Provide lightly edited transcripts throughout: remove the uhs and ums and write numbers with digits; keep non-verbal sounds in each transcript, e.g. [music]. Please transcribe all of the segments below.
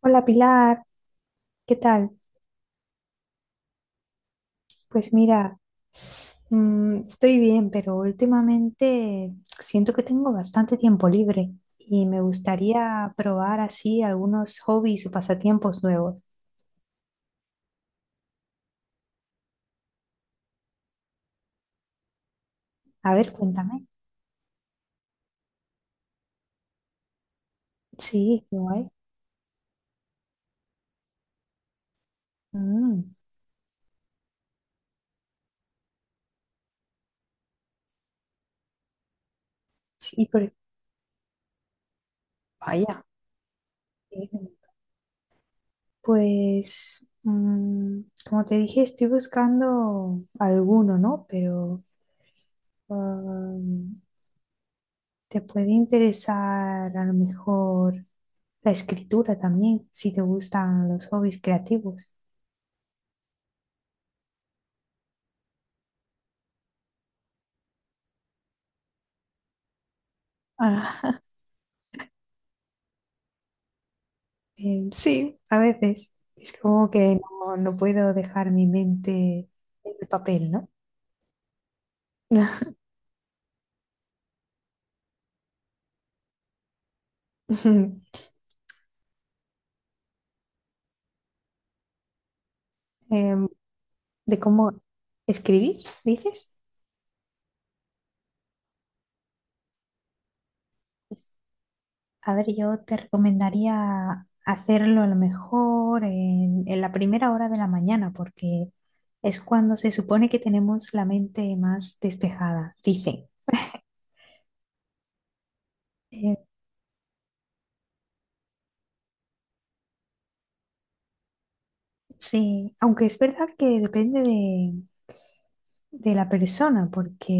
Hola Pilar, ¿qué tal? Pues mira, estoy bien, pero últimamente siento que tengo bastante tiempo libre y me gustaría probar así algunos hobbies o pasatiempos nuevos. A ver, cuéntame. Sí, qué guay. Mm, sí, pero vaya. Sí. Pues, como te dije, estoy buscando alguno, ¿no? Pero um, te puede interesar a lo mejor. La escritura también, si te gustan los hobbies creativos. Ah, sí, a veces. Es como que no puedo dejar mi mente en el papel, ¿no? [laughs] Em, de cómo escribir, dices. Pues, a ver, yo te recomendaría hacerlo a lo mejor en la primera hora de la mañana, porque es cuando se supone que tenemos la mente más despejada, dicen. Sí, aunque es verdad que depende de la persona, porque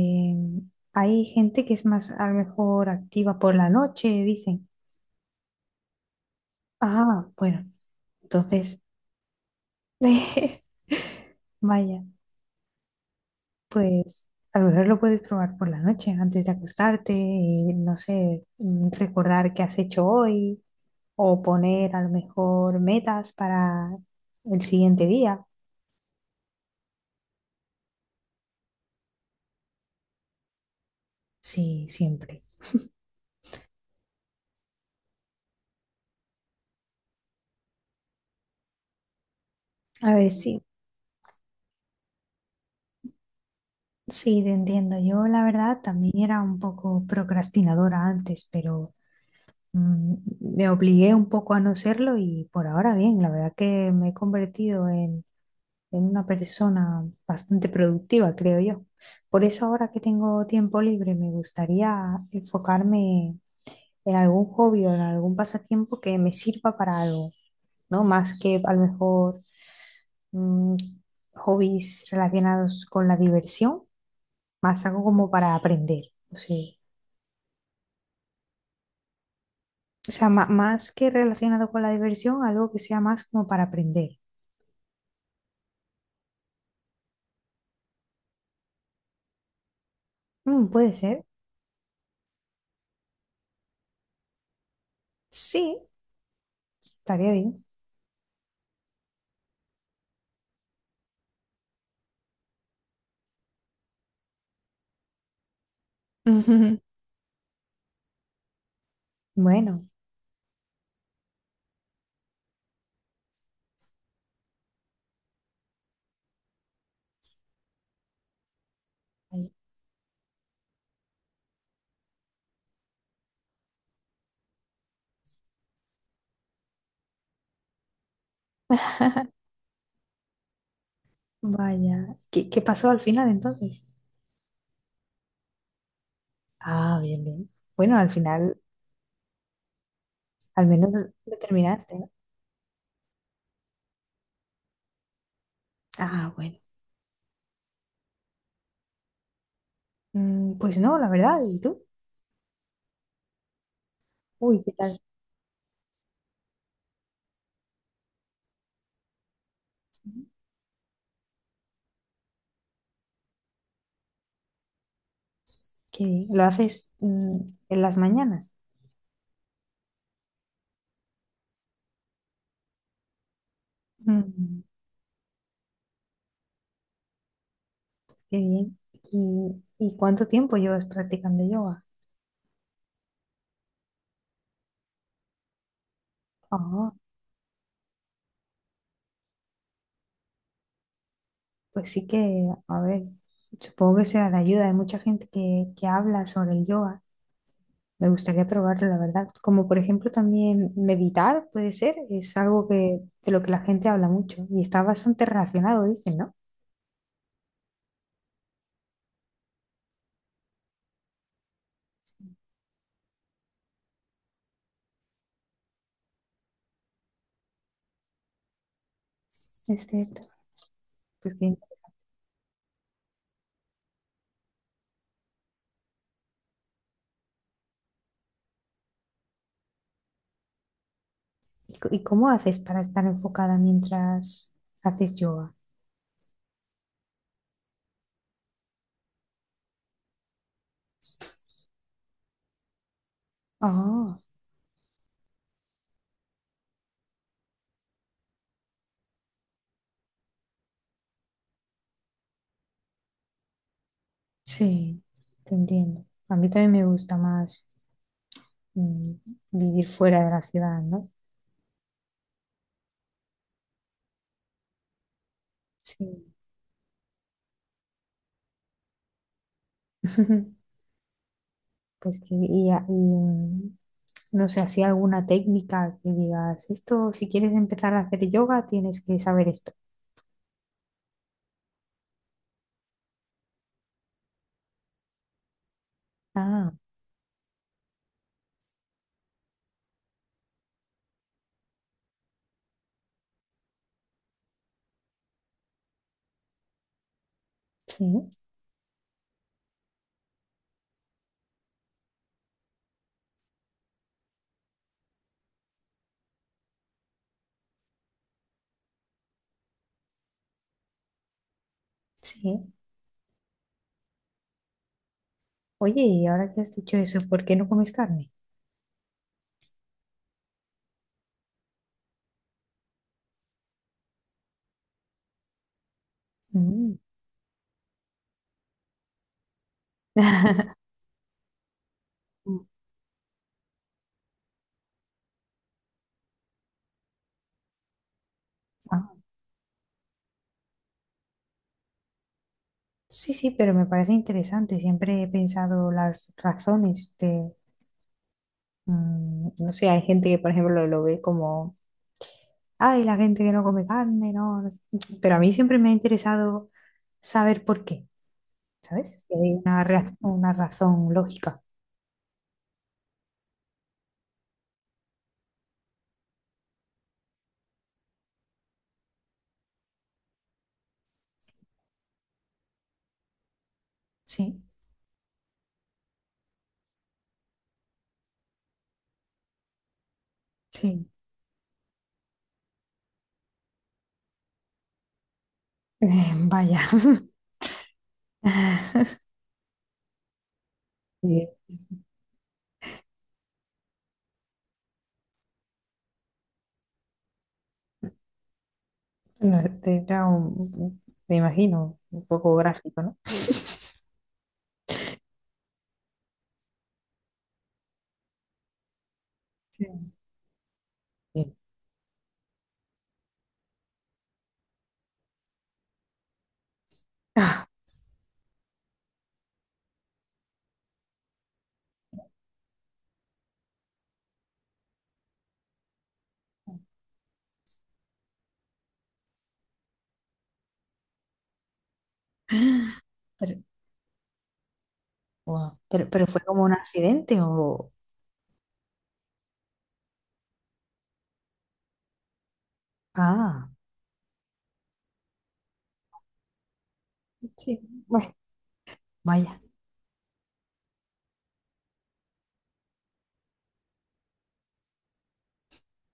hay gente que es más a lo mejor activa por la noche, dicen. Ah, bueno, entonces, [laughs] vaya, pues a lo mejor lo puedes probar por la noche antes de acostarte y no sé, recordar qué has hecho hoy o poner a lo mejor metas para el siguiente día. Sí, siempre. A ver, sí. Sí, te entiendo. Yo, la verdad, también era un poco procrastinadora antes, pero mm, me obligué un poco a no serlo y por ahora bien, la verdad que me he convertido en una persona bastante productiva, creo yo. Por eso ahora que tengo tiempo libre, me gustaría enfocarme en algún hobby o en algún pasatiempo que me sirva para algo, ¿no? Más que a lo mejor mm, hobbies relacionados con la diversión más algo como para aprender. O sea, o sea, más que relacionado con la diversión, algo que sea más como para aprender. Mm, puede ser. Sí, estaría bien. [laughs] Bueno, ay, vaya. ¿Qué, qué pasó al final entonces? Ah, bien, bien. Bueno, al final, al menos lo terminaste. ¿No? Ah, bueno. Mm, pues no, la verdad. ¿Y tú? Uy, ¿qué tal? Qué bien. ¿Lo haces, en las mañanas? Mm, qué bien. Y cuánto tiempo llevas practicando yoga? Ah, pues sí que, a ver, supongo que sea de ayuda. Hay mucha gente que habla sobre el yoga. Me gustaría probarlo, la verdad. Como por ejemplo también meditar, puede ser. Es algo que, de lo que la gente habla mucho y está bastante relacionado, dicen, ¿no? Es cierto. Pues que- ¿Y, y cómo haces para estar enfocada mientras haces yoga? Ah, sí, te entiendo. A mí también me gusta más, mm, vivir fuera de la ciudad, ¿no? Sí. [laughs] Pues que, y, no sé, así alguna técnica que digas, esto, si quieres empezar a hacer yoga, tienes que saber esto. Ah, sí, sí. Oye, y ahora que has dicho eso, ¿por qué no comes carne? Mm. [laughs] Mm, ah, sí, sí, pero me parece interesante. Siempre he pensado las razones de, no sé, hay gente que, por ejemplo, lo ve como, ay, la gente que no come carne, no, no sé". Pero a mí siempre me ha interesado saber por qué, ¿sabes? Si hay una, una razón lógica. Sí. Sí, vaya. [laughs] Sí, no, este era un, me imagino, un poco gráfico, ¿no? Sí. Sí. Ah, pero, wow. Pero fue como un accidente o... Ah, sí. Bueno, vaya.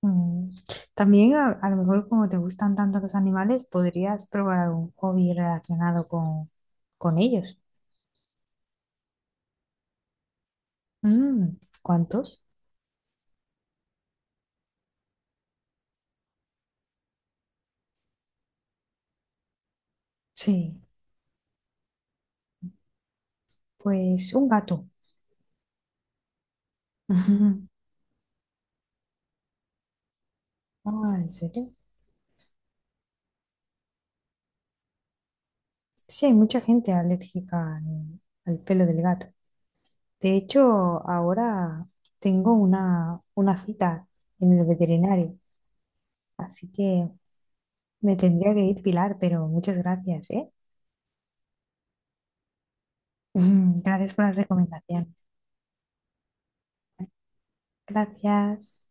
Mm. También a lo mejor como te gustan tanto los animales, podrías probar algún hobby relacionado con ellos. Mm, ¿cuántos? Sí, pues un gato. [laughs] Ah, ¿en serio? Sí, hay mucha gente alérgica al, al pelo del gato. De hecho, ahora tengo una cita en el veterinario, así que me tendría que ir, Pilar, pero muchas gracias, ¿eh? [laughs] Gracias por las recomendaciones. Gracias.